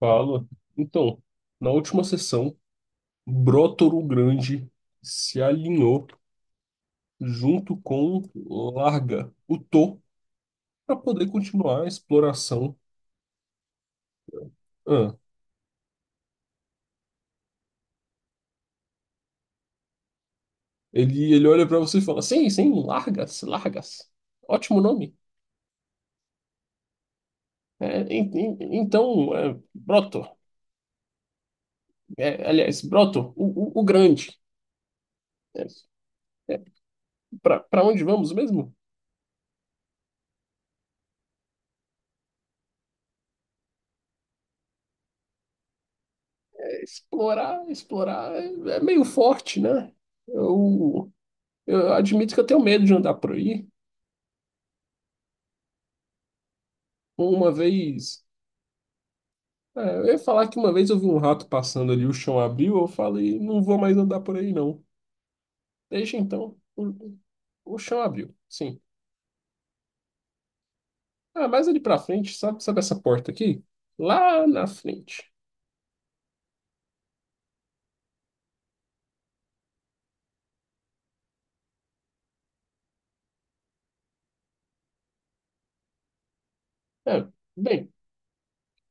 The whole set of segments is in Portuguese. Fala. Então, na última sessão, Brotoru Grande se alinhou junto com Larga, o Tô, para poder continuar a exploração. Ah, ele olha para você e fala: Sim, sim, Largas, Largas. Ótimo nome. É, então, é, Broto, é, aliás, Broto, o Grande. É, é, Para onde vamos mesmo? É, explorar, explorar é meio forte, né? Eu. Eu admito que eu tenho medo de andar por aí. Uma vez. Eu ia falar que uma vez eu vi um rato passando ali, o chão abriu, eu falei, não vou mais andar por aí, não. Deixa então. O chão abriu, sim. Ah, mas ali pra frente, sabe essa porta aqui? Lá na frente. É, bem,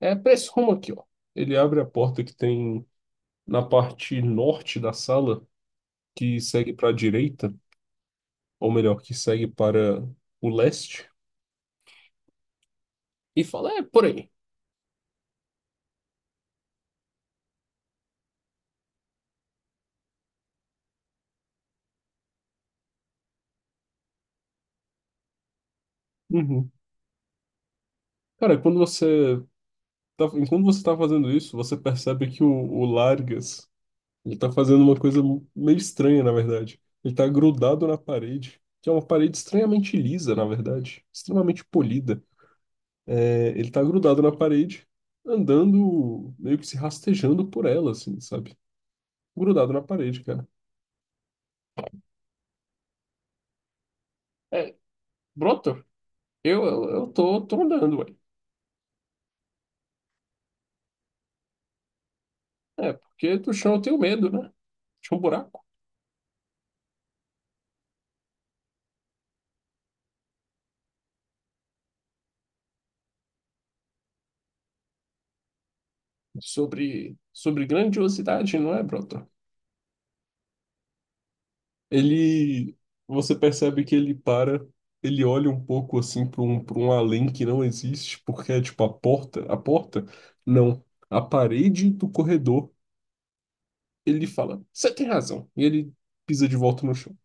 é pra esse rumo aqui, ó. Ele abre a porta que tem na parte norte da sala, que segue pra direita, ou melhor, que segue para o leste, e fala, é por aí. Uhum. Cara, enquanto você tá fazendo isso, você percebe que o Largas, ele tá fazendo uma coisa meio estranha, na verdade. Ele tá grudado na parede, que é uma parede estranhamente lisa, na verdade, extremamente polida. Ele tá grudado na parede, andando, meio que se rastejando por ela, assim, sabe? Grudado na parede, cara. É, Broto, eu tô andando, ué. Porque do chão eu tenho medo, né? Tinha um buraco sobre grandiosidade, não é, broto? Ele, Você percebe que ele para, ele olha um pouco assim para um além que não existe, porque é tipo a porta, não, a parede do corredor. Ele fala, você tem razão. E ele pisa de volta no chão.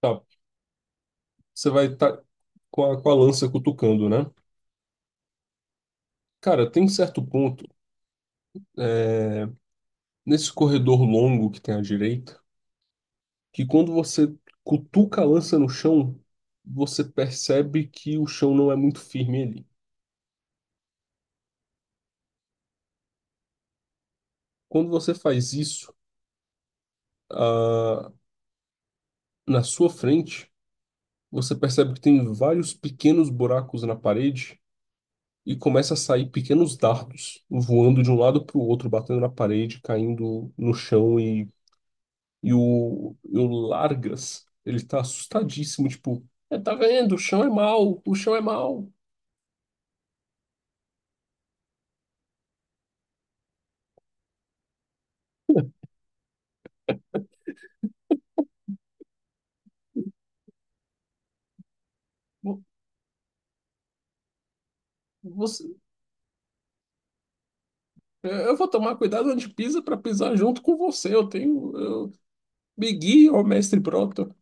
Tá, você vai estar com a lança cutucando, né? Cara, tem certo ponto, é, nesse corredor longo que tem à direita, que quando você cutuca a lança no chão, você percebe que o chão não é muito firme ali. Quando você faz isso, ah, na sua frente, você percebe que tem vários pequenos buracos na parede e começa a sair pequenos dardos voando de um lado para o outro, batendo na parede, caindo no chão e o Largas, ele tá assustadíssimo, tipo, "É, tá vendo? O chão é mau, o chão é mau. Vo- Você, eu vou tomar cuidado onde pisa para pisar junto com você. Me guia, ó mestre Broto.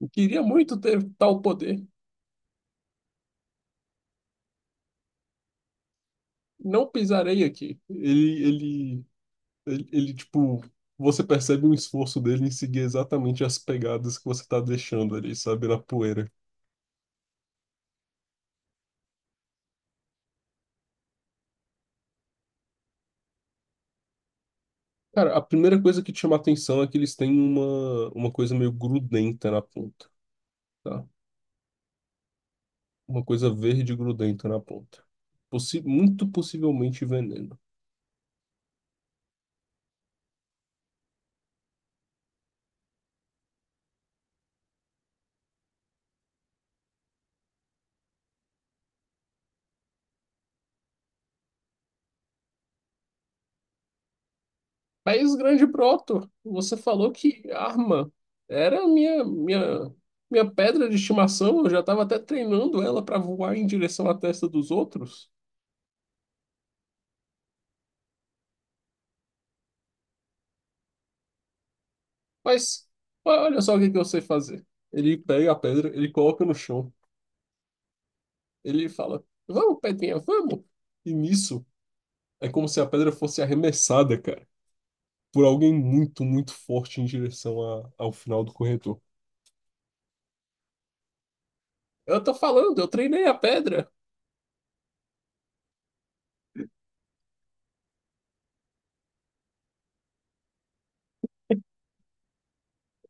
Eu queria muito ter tal poder. Não pisarei aqui. Ele, tipo, você percebe um esforço dele em seguir exatamente as pegadas que você tá deixando ali, sabe, na poeira. Cara, a primeira coisa que te chama a atenção é que eles têm uma coisa meio grudenta na ponta, tá? Uma coisa verde grudenta na ponta. Possi Muito possivelmente veneno. Mas, grande Proto, você falou que arma era a minha pedra de estimação. Eu já estava até treinando ela para voar em direção à testa dos outros. Mas olha só o que que eu sei fazer. Ele pega a pedra, ele coloca no chão. Ele fala: Vamos, pedrinha, vamos. E nisso, é como se a pedra fosse arremessada, cara, por alguém muito, muito forte em direção ao final do corredor. Eu tô falando, eu treinei a pedra.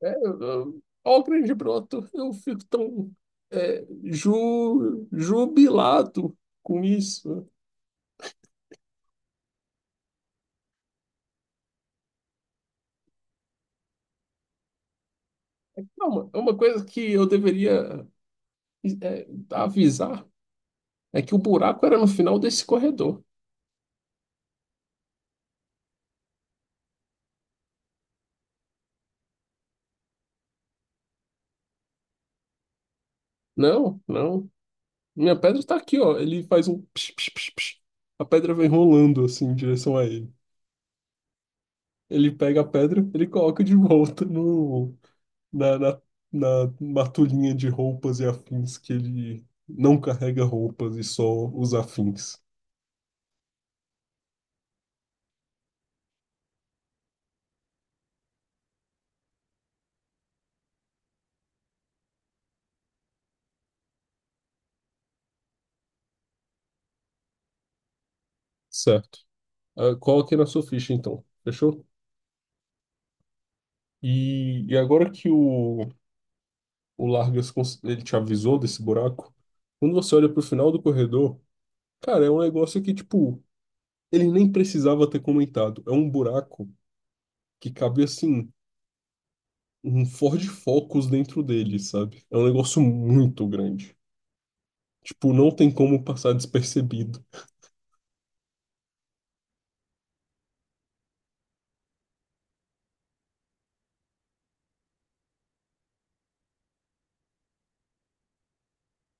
Ó, o grande broto, eu fico tão jubilado com isso. Não, uma é uma coisa que eu deveria é, avisar é que o buraco era no final desse corredor. Não, não. Minha pedra está aqui, ó. Ele faz um psh, psh, psh, psh. A pedra vem rolando assim em direção a ele. Ele pega a pedra, ele coloca de volta no, na, na, na matulhinha de roupas e afins que ele não carrega roupas e só os afins. Certo. Ah, coloque na sua ficha, então. Fechou? E agora que o Largas ele te avisou desse buraco, quando você olha pro final do corredor, cara, é um negócio que, tipo, ele nem precisava ter comentado. É um buraco que cabe assim, um Ford Focus dentro dele, sabe? É um negócio muito grande. Tipo, não tem como passar despercebido.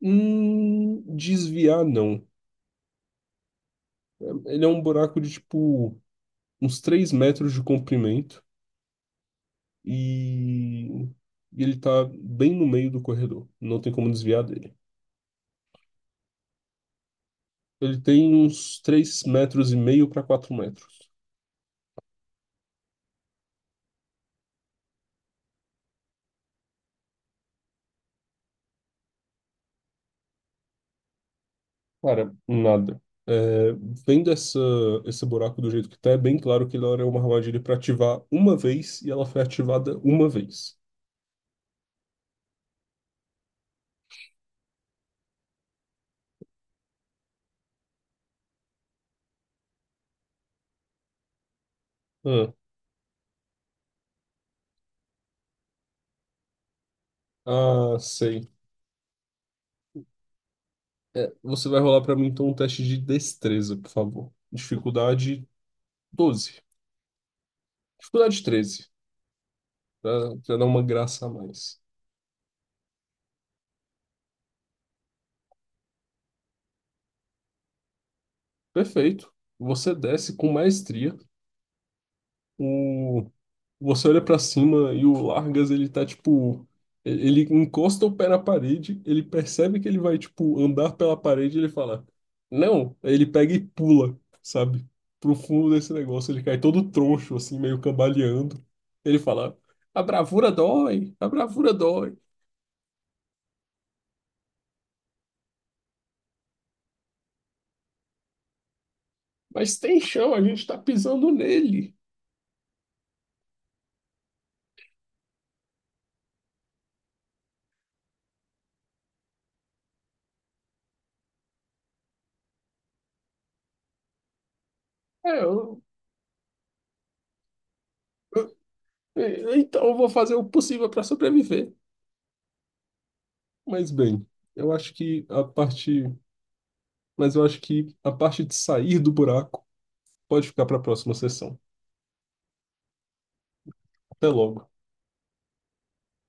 Desviar, não. Ele é um buraco de, tipo, uns 3 metros de comprimento e... e ele tá bem no meio do corredor. Não tem como desviar dele. Ele tem uns 3,5 metros para 4 metros. Cara, nada. É, Vendo essa, esse buraco do jeito que tá, é bem claro que ele era uma armadilha pra ativar uma vez e ela foi ativada uma vez. Ah, ah, sei. Você vai rolar pra mim então um teste de destreza, por favor. Dificuldade 12. Dificuldade 13, pra dar uma graça a mais. Perfeito. Você desce com maestria. o, Você olha pra cima e o Largas, ele tá tipo. Ele encosta o pé na parede, ele percebe que ele vai, tipo, andar pela parede e ele fala: Não! Aí ele pega e pula, sabe? Pro fundo desse negócio. Ele cai todo troncho, assim, meio cambaleando. Ele fala: A bravura dói, a bravura dói. Mas tem chão, a gente tá pisando nele. É, eu... Então eu vou fazer o possível pra sobreviver. Mas bem, eu acho que a parte. Mas eu acho que a parte de sair do buraco pode ficar para a próxima sessão. Até logo.